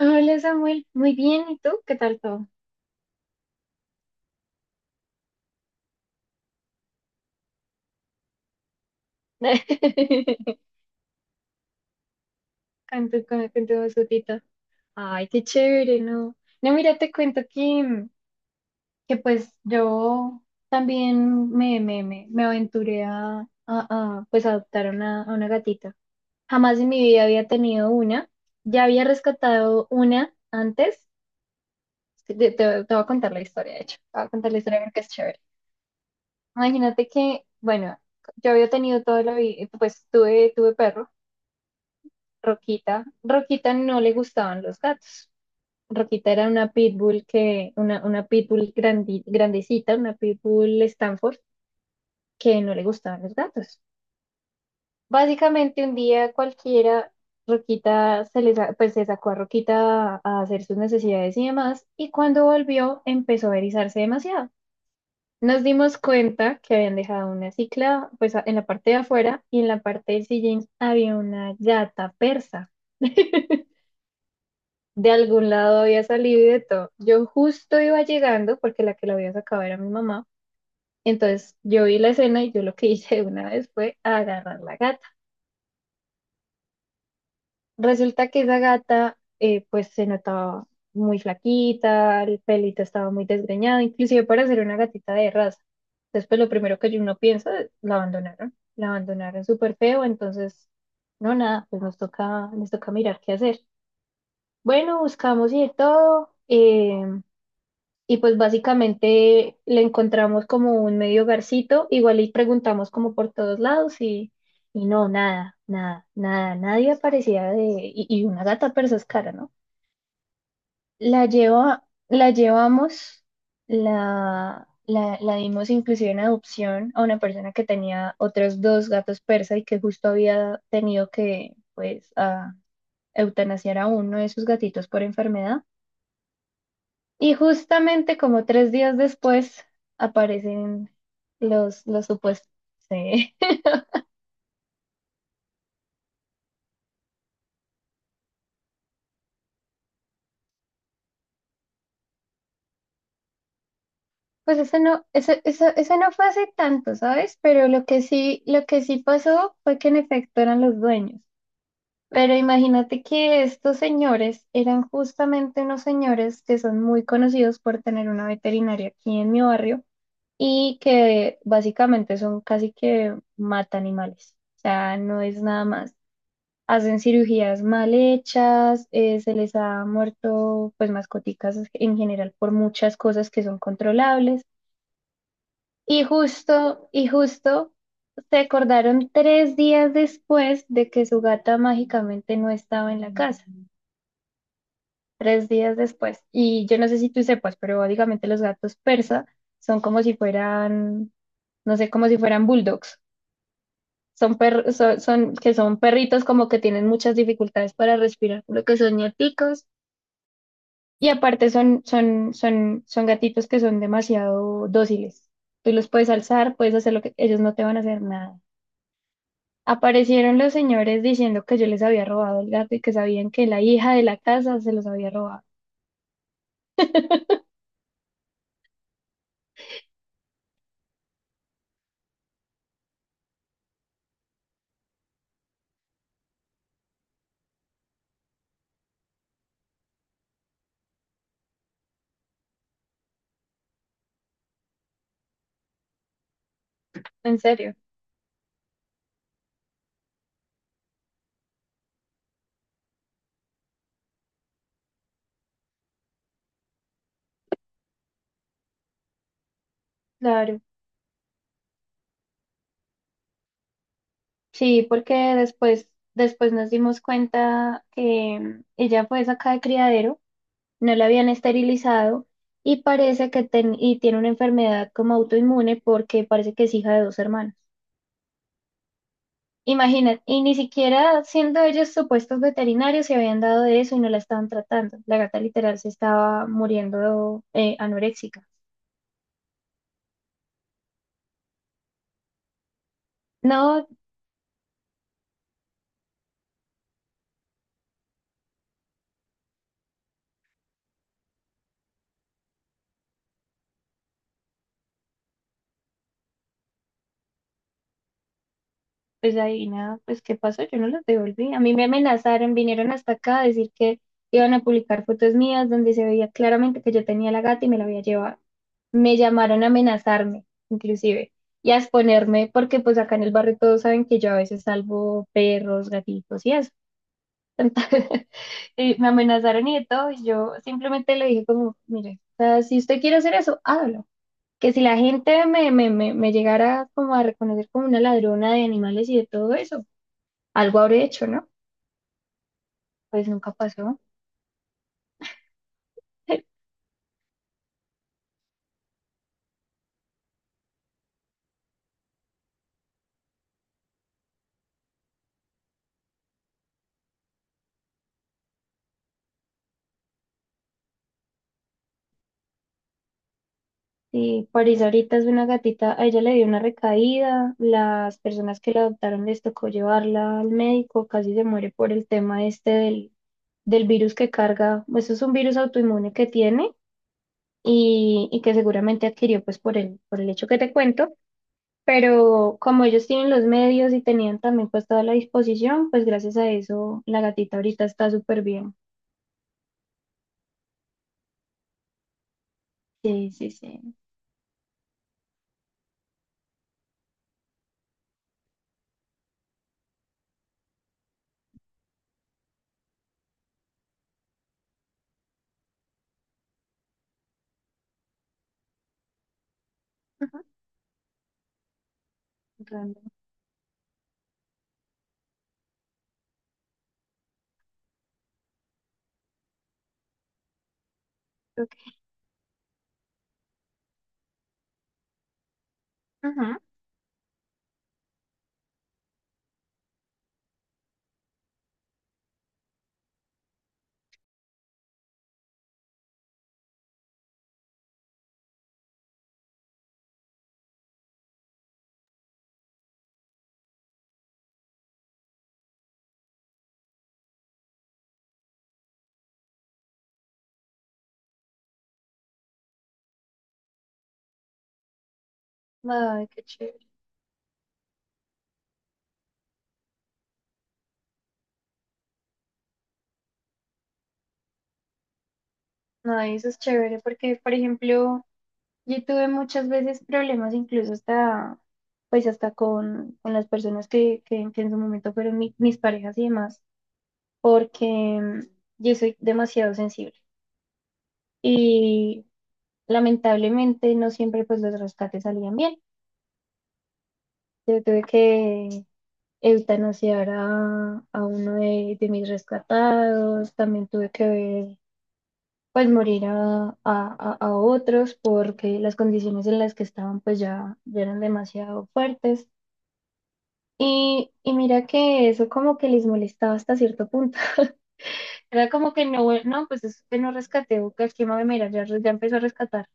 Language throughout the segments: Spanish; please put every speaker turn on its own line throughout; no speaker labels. Hola Samuel, muy bien, ¿y tú? ¿Qué tal todo? Con tu vozotita. Ay, qué chévere, ¿no? No, mira, te cuento que pues yo también me aventuré a, pues adoptar a una gatita. Jamás en mi vida había tenido una. Ya había rescatado una antes. Te, te- te voy a contar la historia, de hecho. Te voy a contar la historia porque es chévere. Imagínate que, bueno, yo había tenido toda la vida, pues tuve perro. Roquita, Roquita no le gustaban los gatos. Roquita era una pitbull una pitbull grandecita, una pitbull Stanford, que no le gustaban los gatos. Básicamente un día cualquiera, Roquita pues se sacó a Roquita a hacer sus necesidades y demás, y cuando volvió empezó a erizarse demasiado. Nos dimos cuenta que habían dejado una cicla, pues en la parte de afuera, y en la parte del sillín había una gata persa. De algún lado había salido y de todo. Yo justo iba llegando porque la que la había sacado era mi mamá. Entonces yo vi la escena y yo lo que hice de una vez fue agarrar la gata. Resulta que esa gata pues se notaba muy flaquita, el pelito estaba muy desgreñado, inclusive para ser una gatita de raza. Entonces pues lo primero que uno piensa es, la abandonaron súper feo, entonces no, nada, pues nos toca mirar qué hacer. Bueno, buscamos y de todo. Y pues básicamente le encontramos como un medio hogarcito, igual y preguntamos como por todos lados y no, nada, nada, nada, nadie aparecía de, y una gata persa es cara, ¿no? La llevamos, la dimos inclusive en adopción a una persona que tenía otros dos gatos persa y que justo había tenido que, pues, eutanasiar a uno de sus gatitos por enfermedad. Y justamente como 3 días después aparecen los supuestos. Sí. Eso no fue hace tanto, ¿sabes? Pero lo que sí pasó fue que en efecto eran los dueños. Pero imagínate que estos señores eran justamente unos señores que son muy conocidos por tener una veterinaria aquí en mi barrio y que básicamente son casi que matan animales. O sea, no es nada más. Hacen cirugías mal hechas, se les ha muerto pues mascoticas en general por muchas cosas que son controlables. Y justo se acordaron 3 días después de que su gata mágicamente no estaba en la casa. 3 días después. Y yo no sé si tú sepas, pero básicamente los gatos persa son como si fueran, no sé, como si fueran bulldogs. Son, per- son, son- que son perritos como que tienen muchas dificultades para respirar, por lo que son ñáticos. Y aparte son gatitos que son demasiado dóciles. Tú los puedes alzar, puedes hacer lo que ellos no te van a hacer nada. Aparecieron los señores diciendo que yo les había robado el gato y que sabían que la hija de la casa se los había robado. ¿En serio? Claro. Sí, porque después nos dimos cuenta que ella fue sacada de criadero, no la habían esterilizado y parece que tiene una enfermedad como autoinmune porque parece que es hija de dos hermanos. Imagínate, y ni siquiera siendo ellos supuestos veterinarios se habían dado de eso y no la estaban tratando. La gata literal se estaba muriendo, anoréxica. No, pues ahí nada, pues ¿qué pasó? Yo no los devolví. A mí me amenazaron, vinieron hasta acá a decir que iban a publicar fotos mías donde se veía claramente que yo tenía la gata y me la había llevado. Me llamaron a amenazarme, inclusive, y a exponerme porque pues acá en el barrio todos saben que yo a veces salvo perros, gatitos y eso. Y me amenazaron y de todo, y yo simplemente le dije como, mire, o sea, si usted quiere hacer eso, hágalo. Que si la gente me llegara como a reconocer como una ladrona de animales y de todo eso, algo habré hecho, ¿no? Pues nunca pasó. Y París ahorita es una gatita, a ella le dio una recaída, las personas que la adoptaron les tocó llevarla al médico, casi se muere por el tema este del, virus que carga. Eso es un virus autoinmune que tiene y que seguramente adquirió pues por el hecho que te cuento. Pero como ellos tienen los medios y tenían también pues toda la disposición, pues gracias a eso la gatita ahorita está súper bien. Sí, sí, sí. Ujú, realmente. Creo. Ajá. Ay, qué chévere. No, eso es chévere porque, por ejemplo, yo tuve muchas veces problemas incluso hasta, pues hasta con las personas que en su momento fueron mis parejas y demás, porque yo soy demasiado sensible y lamentablemente no siempre pues los rescates salían bien. Yo tuve que eutanasiar a uno de mis rescatados, también tuve que ver, pues morir a otros porque las condiciones en las que estaban pues ya eran demasiado fuertes. Y mira que eso como que les molestaba hasta cierto punto. Era como que no: "Bueno, no, pues es que no rescaté, Buca, ¿quién va a venir? Ya, ya empezó a rescatar."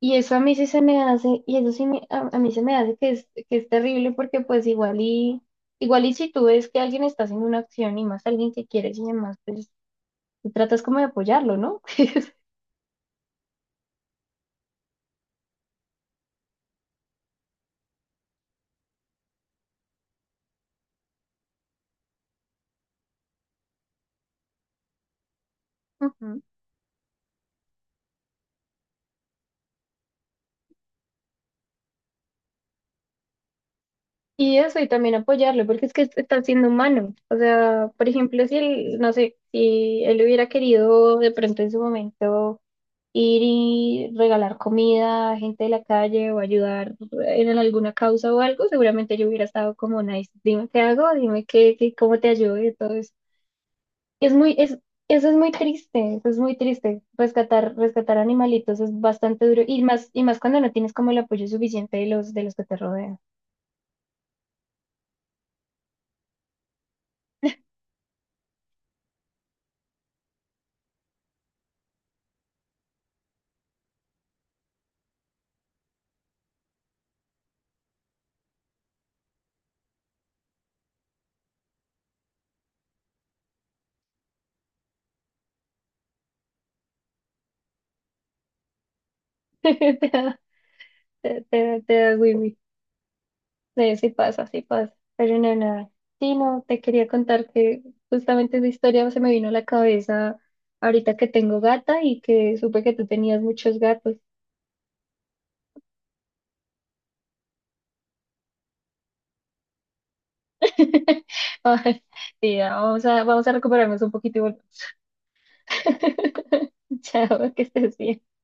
Y eso a mí sí se me hace, y eso sí a mí se me hace que es, terrible porque pues igual y si tú ves que alguien está haciendo una acción y más alguien que quieres y demás, pues tú tratas como de apoyarlo, ¿no? Ujú. Y eso, y también apoyarlo, porque es que está siendo humano. O sea, por ejemplo, si él, no sé, si él hubiera querido de pronto en su momento, ir y regalar comida a gente de la calle o ayudar en alguna causa o algo, seguramente yo hubiera estado como nice, dime qué hago, dime cómo te ayudo y todo eso. Y es muy, es, eso es muy triste, eso es muy triste. Rescatar animalitos es bastante duro y más cuando no tienes como el apoyo suficiente de los, que te rodean. Te da, te da wiwi. Sí, sí pasa, sí pasa. Pero no, nada. Sí, no, te quería contar que justamente esa historia se me vino a la cabeza ahorita que tengo gata y que supe que tú tenías muchos gatos. Ay, sí, ya, vamos a recuperarnos un poquito y volver. Chao, que estés bien.